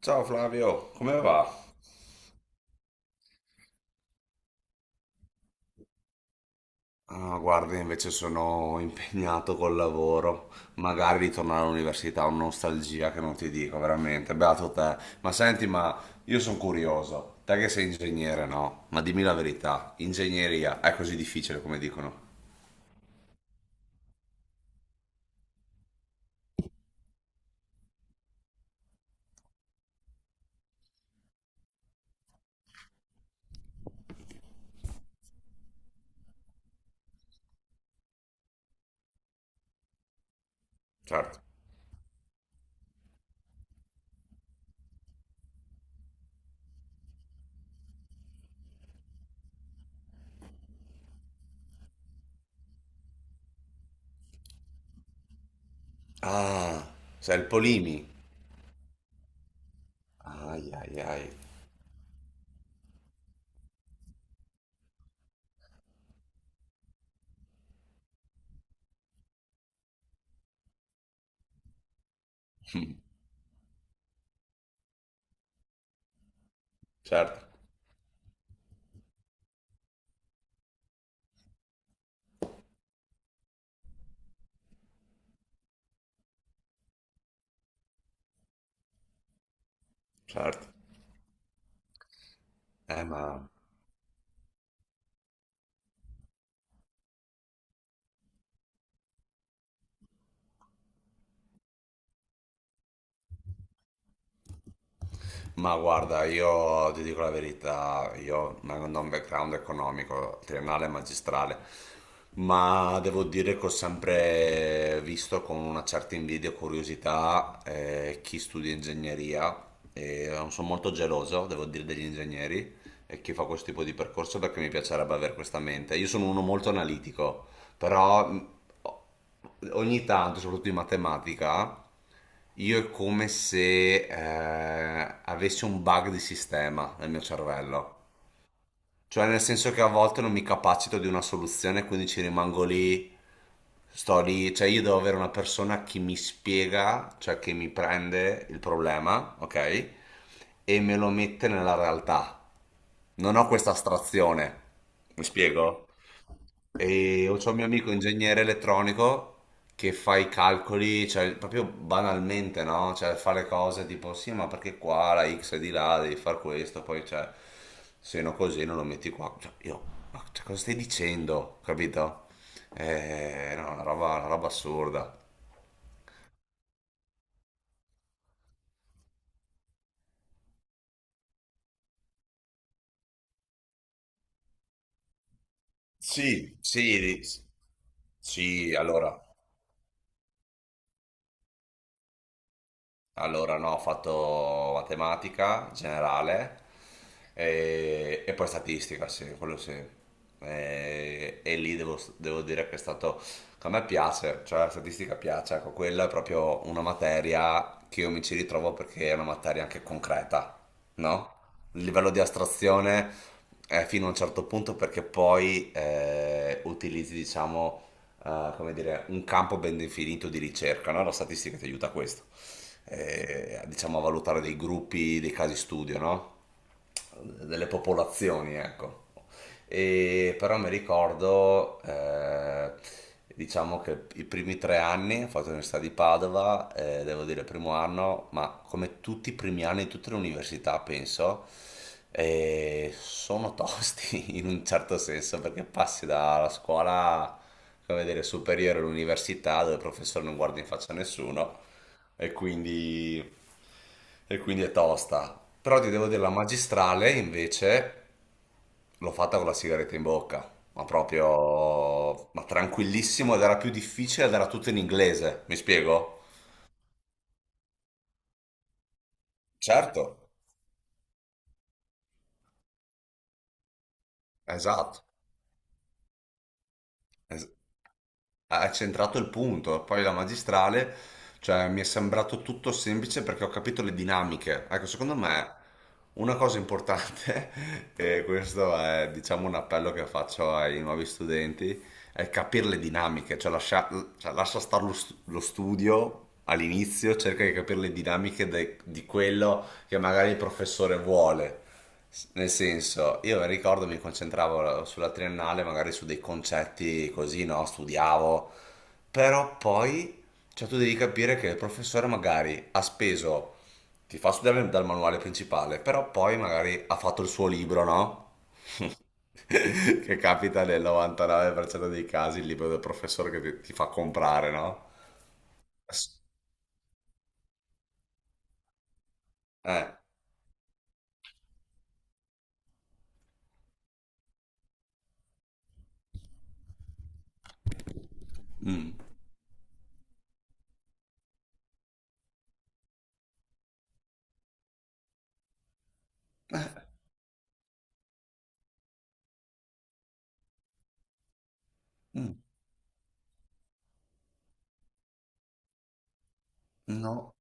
Ciao Flavio, come va? Ah, guarda, invece sono impegnato col lavoro. Magari ritornare all'università è una nostalgia che non ti dico, veramente. Beato te. Ma senti, ma io sono curioso. Te che sei ingegnere, no? Ma dimmi la verità, ingegneria è così difficile come dicono? Certo. Ah, sei il Polimi. Ai ai ai. Certo, certo. Eh, ma Ma guarda, io ti dico la verità, io non ho un background economico, triennale e magistrale, ma devo dire che ho sempre visto con una certa invidia e curiosità chi studia ingegneria e non sono molto geloso, devo dire, degli ingegneri e chi fa questo tipo di percorso perché mi piacerebbe avere questa mente. Io sono uno molto analitico, però ho ogni tanto, soprattutto in matematica, io è come se avessi un bug di sistema nel mio cervello. Cioè, nel senso che a volte non mi capacito di una soluzione, quindi ci rimango lì, sto lì, cioè io devo avere una persona che mi spiega, cioè che mi prende il problema, ok? E me lo mette nella realtà. Non ho questa astrazione. Mi spiego? E ho c'ho un mio amico ingegnere elettronico che fa i calcoli, cioè proprio banalmente, no? Cioè fa le cose tipo sì, ma perché qua la X è di là, devi far questo, poi cioè, se no così non lo metti qua. Cioè, io, ma cioè, cosa stai dicendo? Capito? No, una roba assurda. Sì, sì, sì, allora. Allora, no, ho fatto matematica generale e poi statistica, sì, quello sì. E lì devo dire che è stato, che a me piace, cioè la statistica piace, ecco, quella è proprio una materia che io mi ci ritrovo perché è una materia anche concreta, no? Il livello di astrazione è fino a un certo punto perché poi utilizzi, diciamo come dire, un campo ben definito di ricerca, no? La statistica ti aiuta a questo, diciamo a valutare dei gruppi, dei casi studio, no? Delle popolazioni, ecco. E però mi ricordo, diciamo che i primi 3 anni ho fatto l'università di Padova, devo dire primo anno, ma come tutti i primi anni di tutte le università, penso, sono tosti in un certo senso, perché passi dalla scuola, come dire, superiore all'università, dove il professore non guarda in faccia a nessuno, e quindi, e quindi è tosta. Però ti devo dire, la magistrale invece l'ho fatta con la sigaretta in bocca, ma proprio, ma tranquillissimo ed era più difficile ed era tutto in inglese, mi spiego? Certo, esatto, es- ha centrato il punto. Poi la magistrale, cioè, mi è sembrato tutto semplice perché ho capito le dinamiche. Ecco, secondo me una cosa importante, e questo è, diciamo, un appello che faccio ai nuovi studenti, è capire le dinamiche, cioè, lascia stare lo studio. All'inizio cerca di capire le dinamiche di quello che magari il professore vuole, nel senso, io ricordo mi concentravo sulla triennale, magari su dei concetti così, no? Studiavo, però poi, cioè tu devi capire che il professore magari ha speso, ti fa studiare dal manuale principale, però poi magari ha fatto il suo libro, no? Che capita nel 99% dei casi il libro del professore che ti fa comprare, no? S- Eh, mm, mm, no,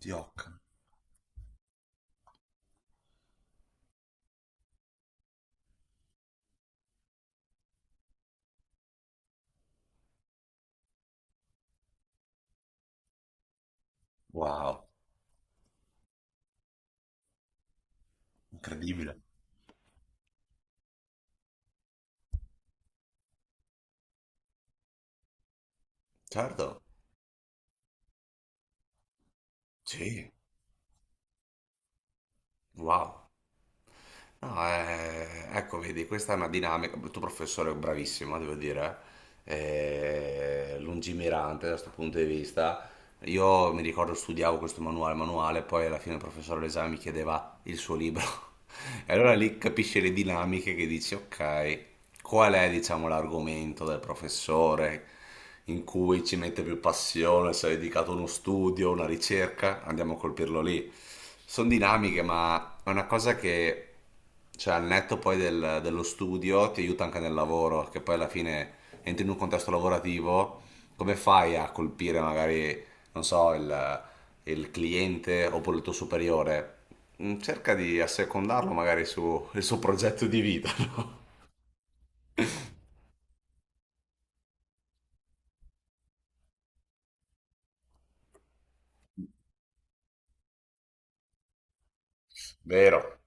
di Occam. Wow, incredibile. Certo, sì, wow. No, ecco, vedi, questa è una dinamica. Il tuo professore è bravissimo, devo dire, lungimirante da questo punto di vista. Io mi ricordo studiavo questo manuale, poi alla fine il professore all'esame mi chiedeva il suo libro. E allora lì capisci le dinamiche che dici, ok, qual è, diciamo, l'argomento del professore in cui ci mette più passione, si è dedicato a uno studio, una ricerca, andiamo a colpirlo lì. Sono dinamiche, ma è una cosa che cioè, al netto poi dello studio ti aiuta anche nel lavoro, che poi alla fine entri in un contesto lavorativo, come fai a colpire magari, non so, il cliente oppure il tuo superiore? Cerca di assecondarlo magari sul suo progetto di vita, no? Vero,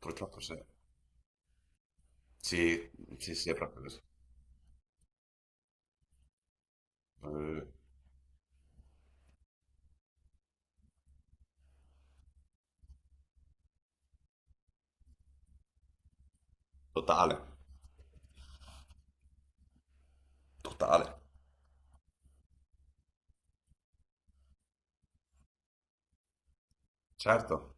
purtroppo sì. Sì, sì, sì, è proprio così. Eh, Totale, totale. Certo.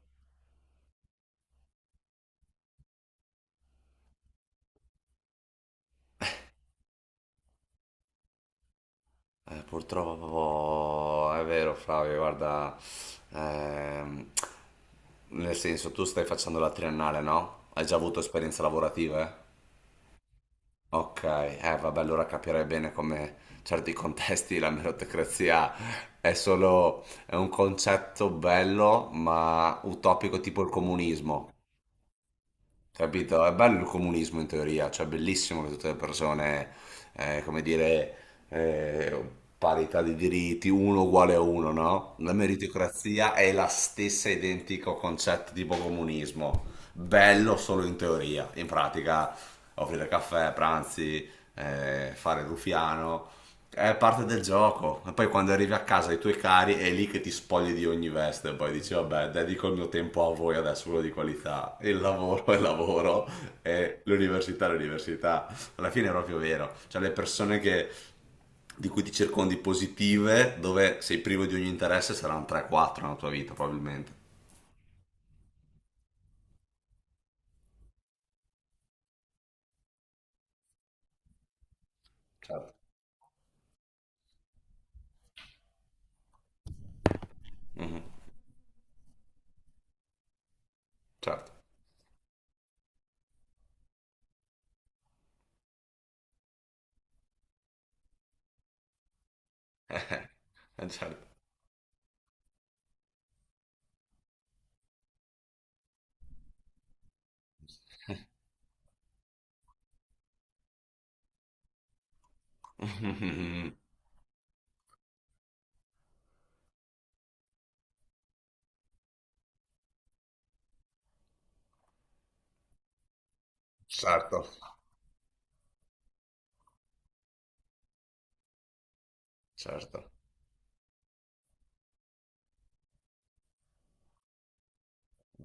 Purtroppo è vero, Flavio, guarda, ehm, nel senso tu stai facendo la triennale, no? Hai già avuto esperienze lavorative? Ok, eh vabbè, allora capirei bene come certi contesti la meritocrazia è solo è un concetto bello ma utopico tipo il comunismo. Capito? È bello il comunismo in teoria, cioè è bellissimo che tutte le persone, come dire, eh, parità di diritti, uno uguale a uno, no? La meritocrazia è la stessa identico concetto tipo comunismo, bello solo in teoria, in pratica offrire caffè, pranzi, fare il ruffiano, è parte del gioco. E poi quando arrivi a casa ai tuoi cari è lì che ti spogli di ogni veste. E poi dici, vabbè, dedico il mio tempo a voi adesso, quello di qualità. Il lavoro è lavoro e l'università è l'università. Alla fine è proprio vero. Cioè le persone che, di cui ti circondi positive, dove sei privo di ogni interesse, saranno 3-4 nella tua vita, probabilmente. Certo. Mhm. Certo. Certo. Certo. Certo.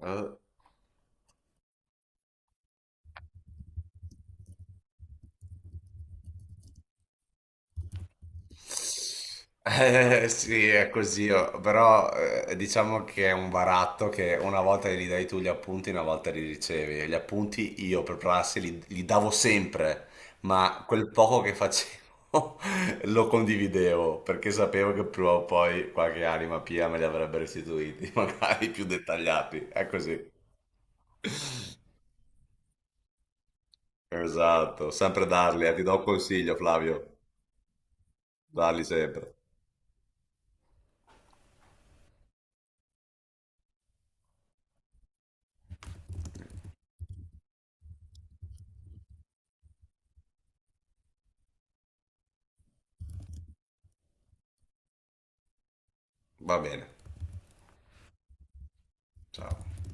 Eh, Eh, sì, è così, oh, però diciamo che è un baratto che una volta gli dai tu gli appunti, una volta li ricevi. E gli appunti io per prassi li davo sempre, ma quel poco che facevo lo condividevo perché sapevo che prima o poi qualche anima pia me li avrebbe restituiti, magari più dettagliati. È così. Esatto, sempre darli, ti do un consiglio, Flavio, darli sempre. Va bene, ciao.